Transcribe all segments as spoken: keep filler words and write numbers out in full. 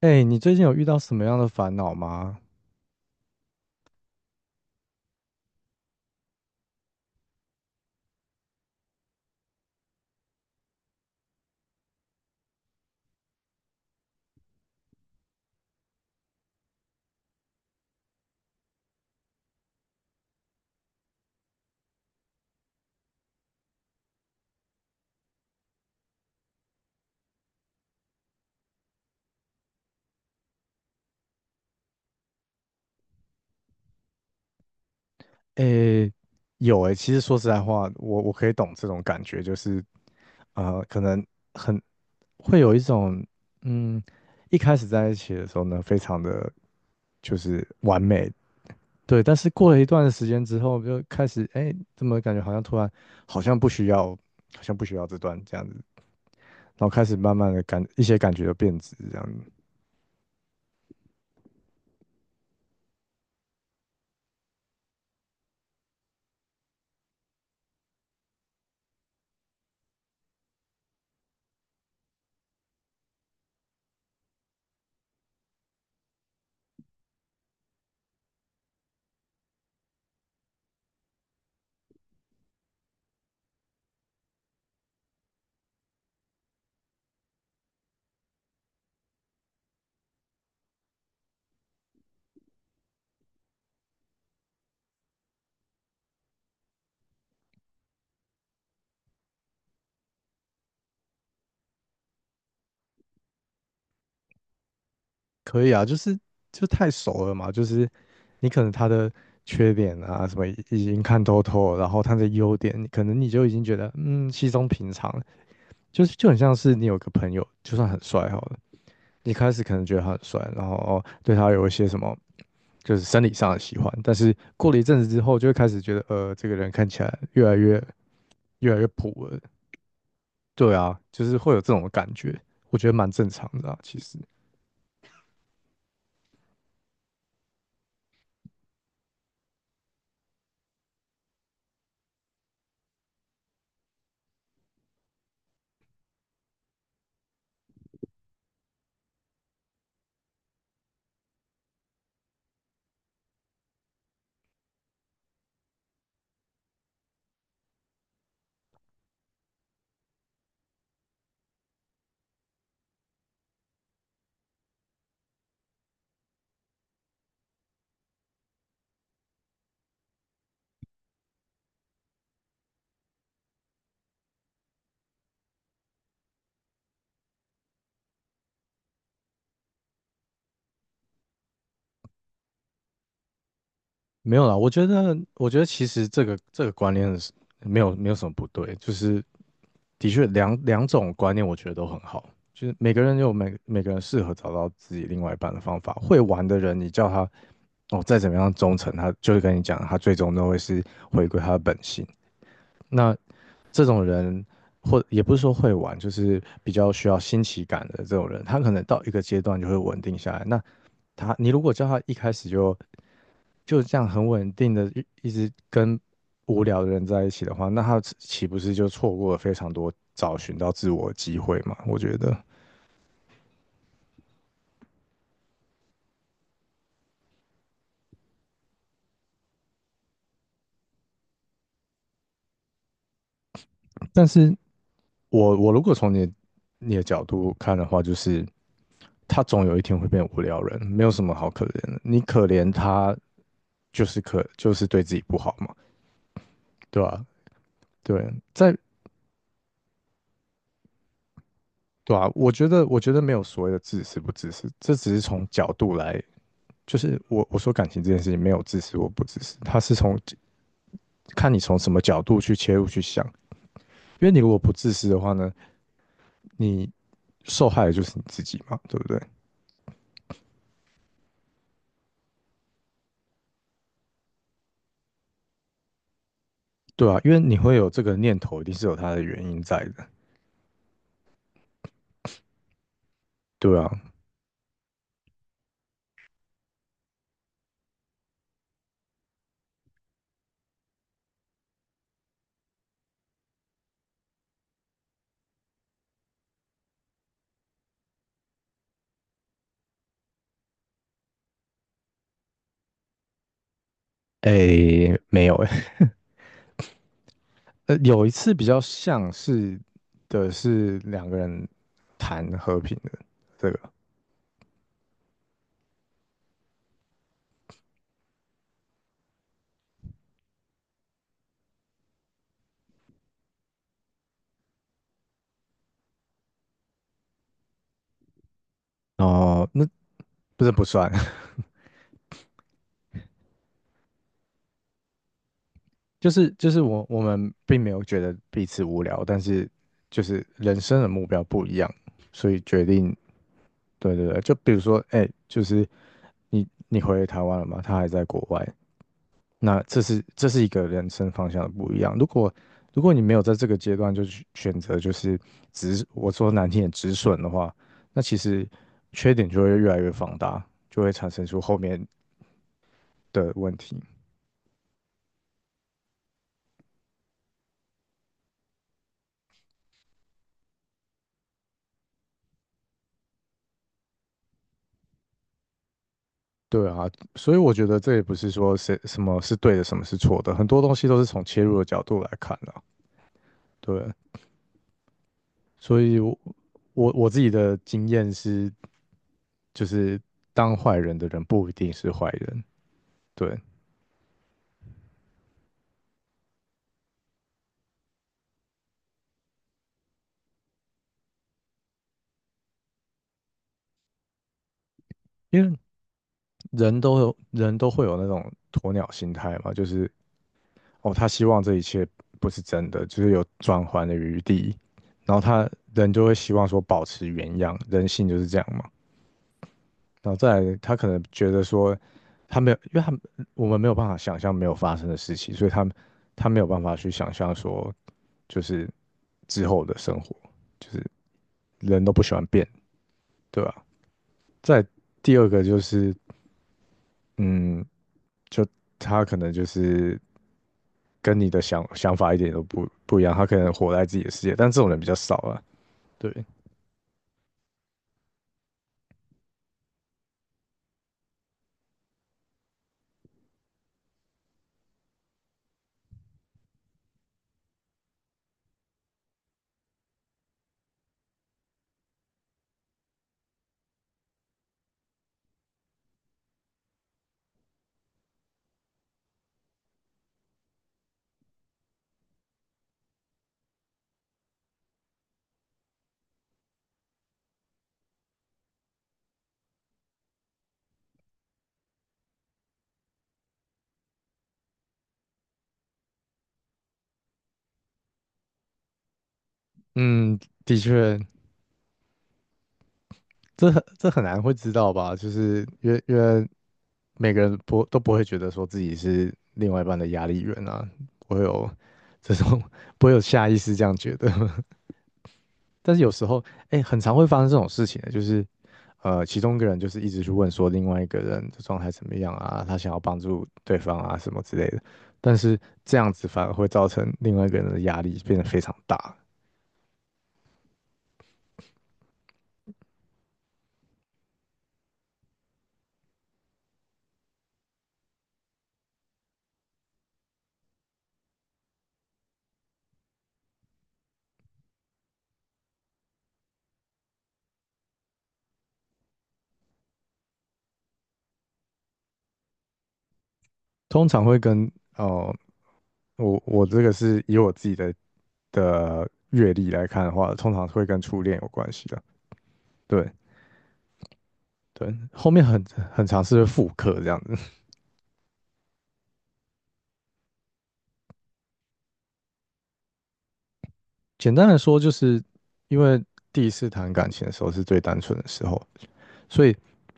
哎，你最近有遇到什么样的烦恼吗？哎，有哎，其实说实在话，我我可以懂这种感觉，就是呃，可能很会有一种嗯，一开始在一起的时候呢，非常的就是完美。对，但是过了一段时间之后，就开始哎，怎么感觉好像突然好像不需要，好像不需要这段这样子，然后开始慢慢的感一些感觉就变质这样子。可以啊，就是就太熟了嘛，就是你可能他的缺点啊什么已已经看透透了，然后他的优点，可能你就已经觉得嗯稀松平常了。就是就很像是你有个朋友，就算很帅好了，你开始可能觉得他很帅，然后哦对他有一些什么就是生理上的喜欢，但是过了一阵子之后，就会开始觉得呃这个人看起来越来越越来越普了。对啊，就是会有这种感觉，我觉得蛮正常的啊，其实。没有啦，我觉得，我觉得其实这个这个观念是没有没有什么不对，就是的确两两种观念我觉得都很好，就是每个人有每每个人适合找到自己另外一半的方法。会玩的人，你叫他哦再怎么样忠诚，他就是跟你讲，他最终都会是回归他的本性。那这种人，或也不是说会玩，就是比较需要新奇感的这种人，他可能到一个阶段就会稳定下来。那他，你如果叫他一开始就就这样很稳定的一一直跟无聊的人在一起的话，那他岂岂不是就错过了非常多找寻到自我的机会嘛？我觉得，但是我我如果从你你的角度看的话，就是他总有一天会变无聊人，没有什么好可怜的。你可怜他，就是可就是对自己不好嘛，对吧、对，在对啊，我觉得我觉得没有所谓的自私不自私，这只是从角度来，就是我我说感情这件事情没有自私或不自私，他是从看你从什么角度去切入去想，因为你如果不自私的话呢，你受害的就是你自己嘛，对不对？对啊，因为你会有这个念头，一定是有它的原因在的。对啊，诶，没有诶，呃，有一次比较像是的是两个人谈和平的这个，哦，那不是不算，就是就是我我们并没有觉得彼此无聊，但是就是人生的目标不一样，所以决定，对对对，就比如说，哎，就是你你回台湾了嘛，他还在国外，那这是这是一个人生方向的不一样。如果如果你没有在这个阶段就去选择，就是止，我说难听点止损的话，那其实缺点就会越来越放大，就会产生出后面的问题。对啊，所以我觉得这也不是说谁什么是对的，什么是错的，很多东西都是从切入的角度来看的啊。对，所以我我我自己的经验是，就是当坏人的人不一定是坏人。对，因为人都有人都会有那种鸵鸟心态嘛，就是哦，他希望这一切不是真的，就是有转圜的余地，然后他人就会希望说保持原样，人性就是这样嘛。然后再来，他可能觉得说他没有，因为他我们没有办法想象没有发生的事情，所以他他没有办法去想象说就是之后的生活，就是人都不喜欢变，对吧？再来第二个就是，嗯，就他可能就是。跟你的想想法一点都不不一样，他可能活在自己的世界，但这种人比较少啊。对，嗯，的确，这很这很难会知道吧？就是因为因为每个人不都不会觉得说自己是另外一半的压力源啊，不会有这种 不会有下意识这样觉得。但是有时候，哎、很常会发生这种事情的，就是呃，其中一个人就是一直去问说另外一个人的状态怎么样啊，他想要帮助对方啊什么之类的，但是这样子反而会造成另外一个人的压力变得非常大。通常会跟哦，我我这个是以我自己的的阅历来看的话，通常会跟初恋有关系的。对对，后面很很尝试复刻这样子。简单来说，就是因为第一次谈感情的时候是最单纯的时候，所以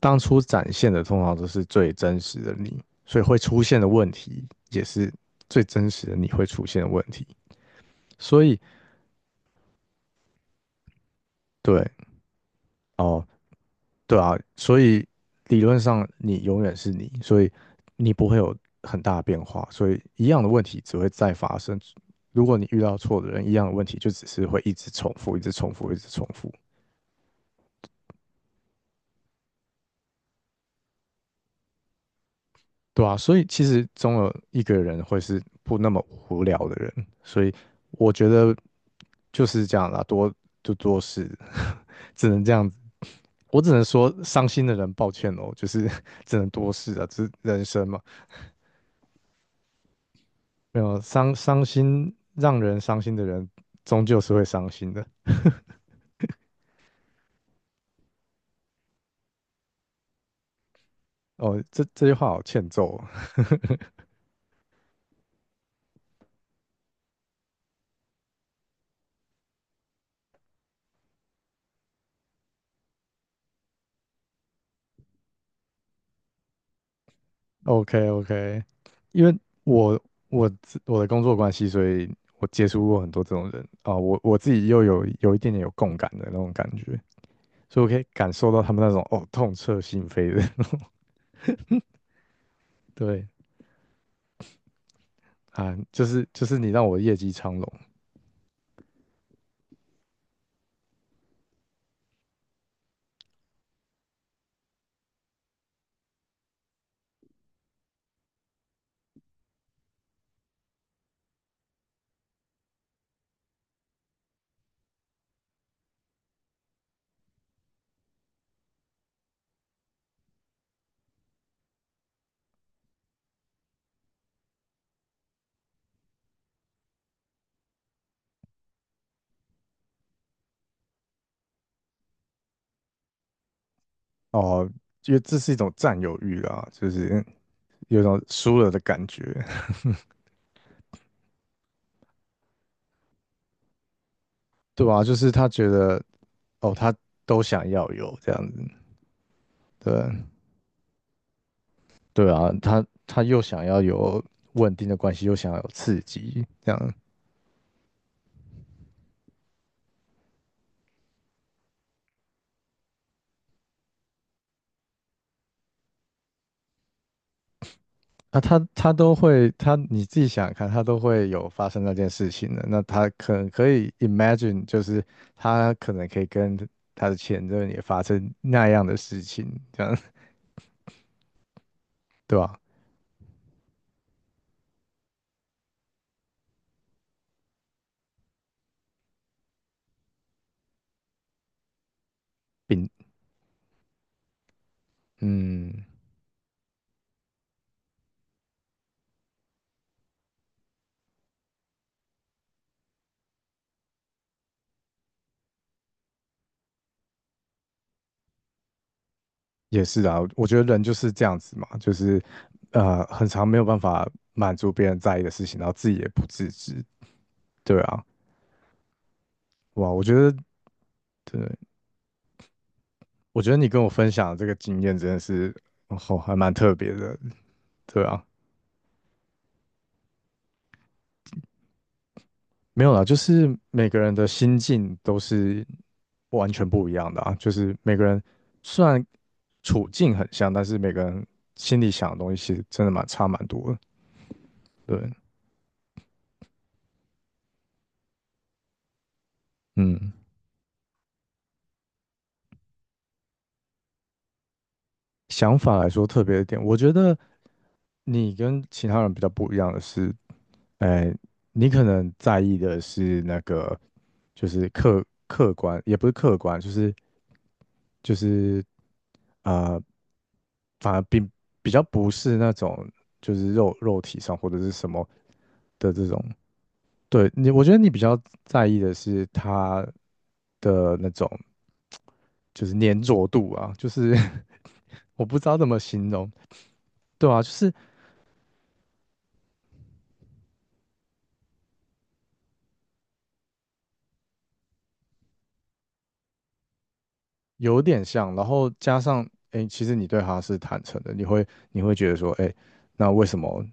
当初展现的通常都是最真实的你，所以会出现的问题也是最真实的你会出现的问题。所以对哦，对啊，所以理论上你永远是你，所以你不会有很大的变化，所以一样的问题只会再发生。如果你遇到错的人，一样的问题就只是会一直重复，一直重复，一直重复。对啊，所以其实总有一个人会是不那么无聊的人，所以我觉得就是这样啦，多就多事，只能这样子。我只能说，伤心的人抱歉哦，就是 只能多事啊，这是人生嘛，没有伤伤心让人伤心的人，终究是会伤心的。哦，这这句话好欠揍哦。O K O K，因为我我自我的工作关系，所以我接触过很多这种人啊、我我自己又有有一点点有共感的那种感觉，所以我可以感受到他们那种哦痛彻心扉的，对啊，就是就是你让我业绩昌隆哦，因为这是一种占有欲啊，就是有一种输了的感觉。对吧、就是他觉得哦他都想要有这样子，对，对啊，他他又想要有稳定的关系，又想要有刺激，这样啊，他他都会，他你自己想想看，他都会有发生那件事情的。那他可能可以 imagine，就是他可能可以跟他的前任也发生那样的事情，这样 对吧？并嗯，也是啊，我觉得人就是这样子嘛，就是呃，很常没有办法满足别人在意的事情，然后自己也不自知，对啊，哇，我觉得。对我觉得你跟我分享的这个经验真的是，哦，还蛮特别的，对啊，没有啦，就是每个人的心境都是完全不一样的啊，就是每个人虽然处境很像，但是每个人心里想的东西其实真的蛮差蛮多的，对，嗯，想法来说特别一点，我觉得你跟其他人比较不一样的是，呃，你可能在意的是那个，就是客客观，也不是客观，就是就是呃，反而并比较不是那种就是肉肉体上或者是什么的这种。对你，我觉得你比较在意的是他的那种就是粘着度啊，就是 我不知道怎么形容。对啊，就是有点像，然后加上，哎，其实你对他是坦诚的，你会你会觉得说，哎，那为什么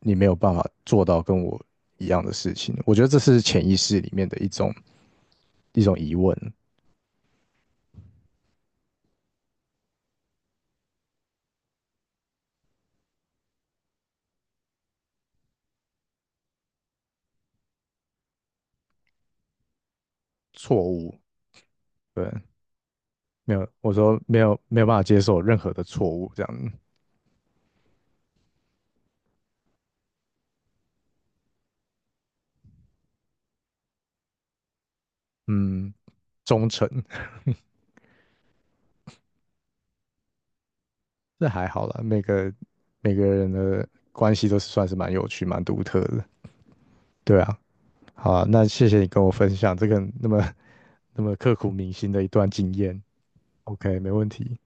你没有办法做到跟我一样的事情呢？我觉得这是潜意识里面的一种一种疑问、错误，对，没有，我说没有没有办法接受任何的错误，这样，嗯，忠诚，这还好啦，每个每个人的关系都是算是蛮有趣、蛮独特的，对啊，好啊，那谢谢你跟我分享这个那么 那么刻骨铭心的一段经验。OK，没问题。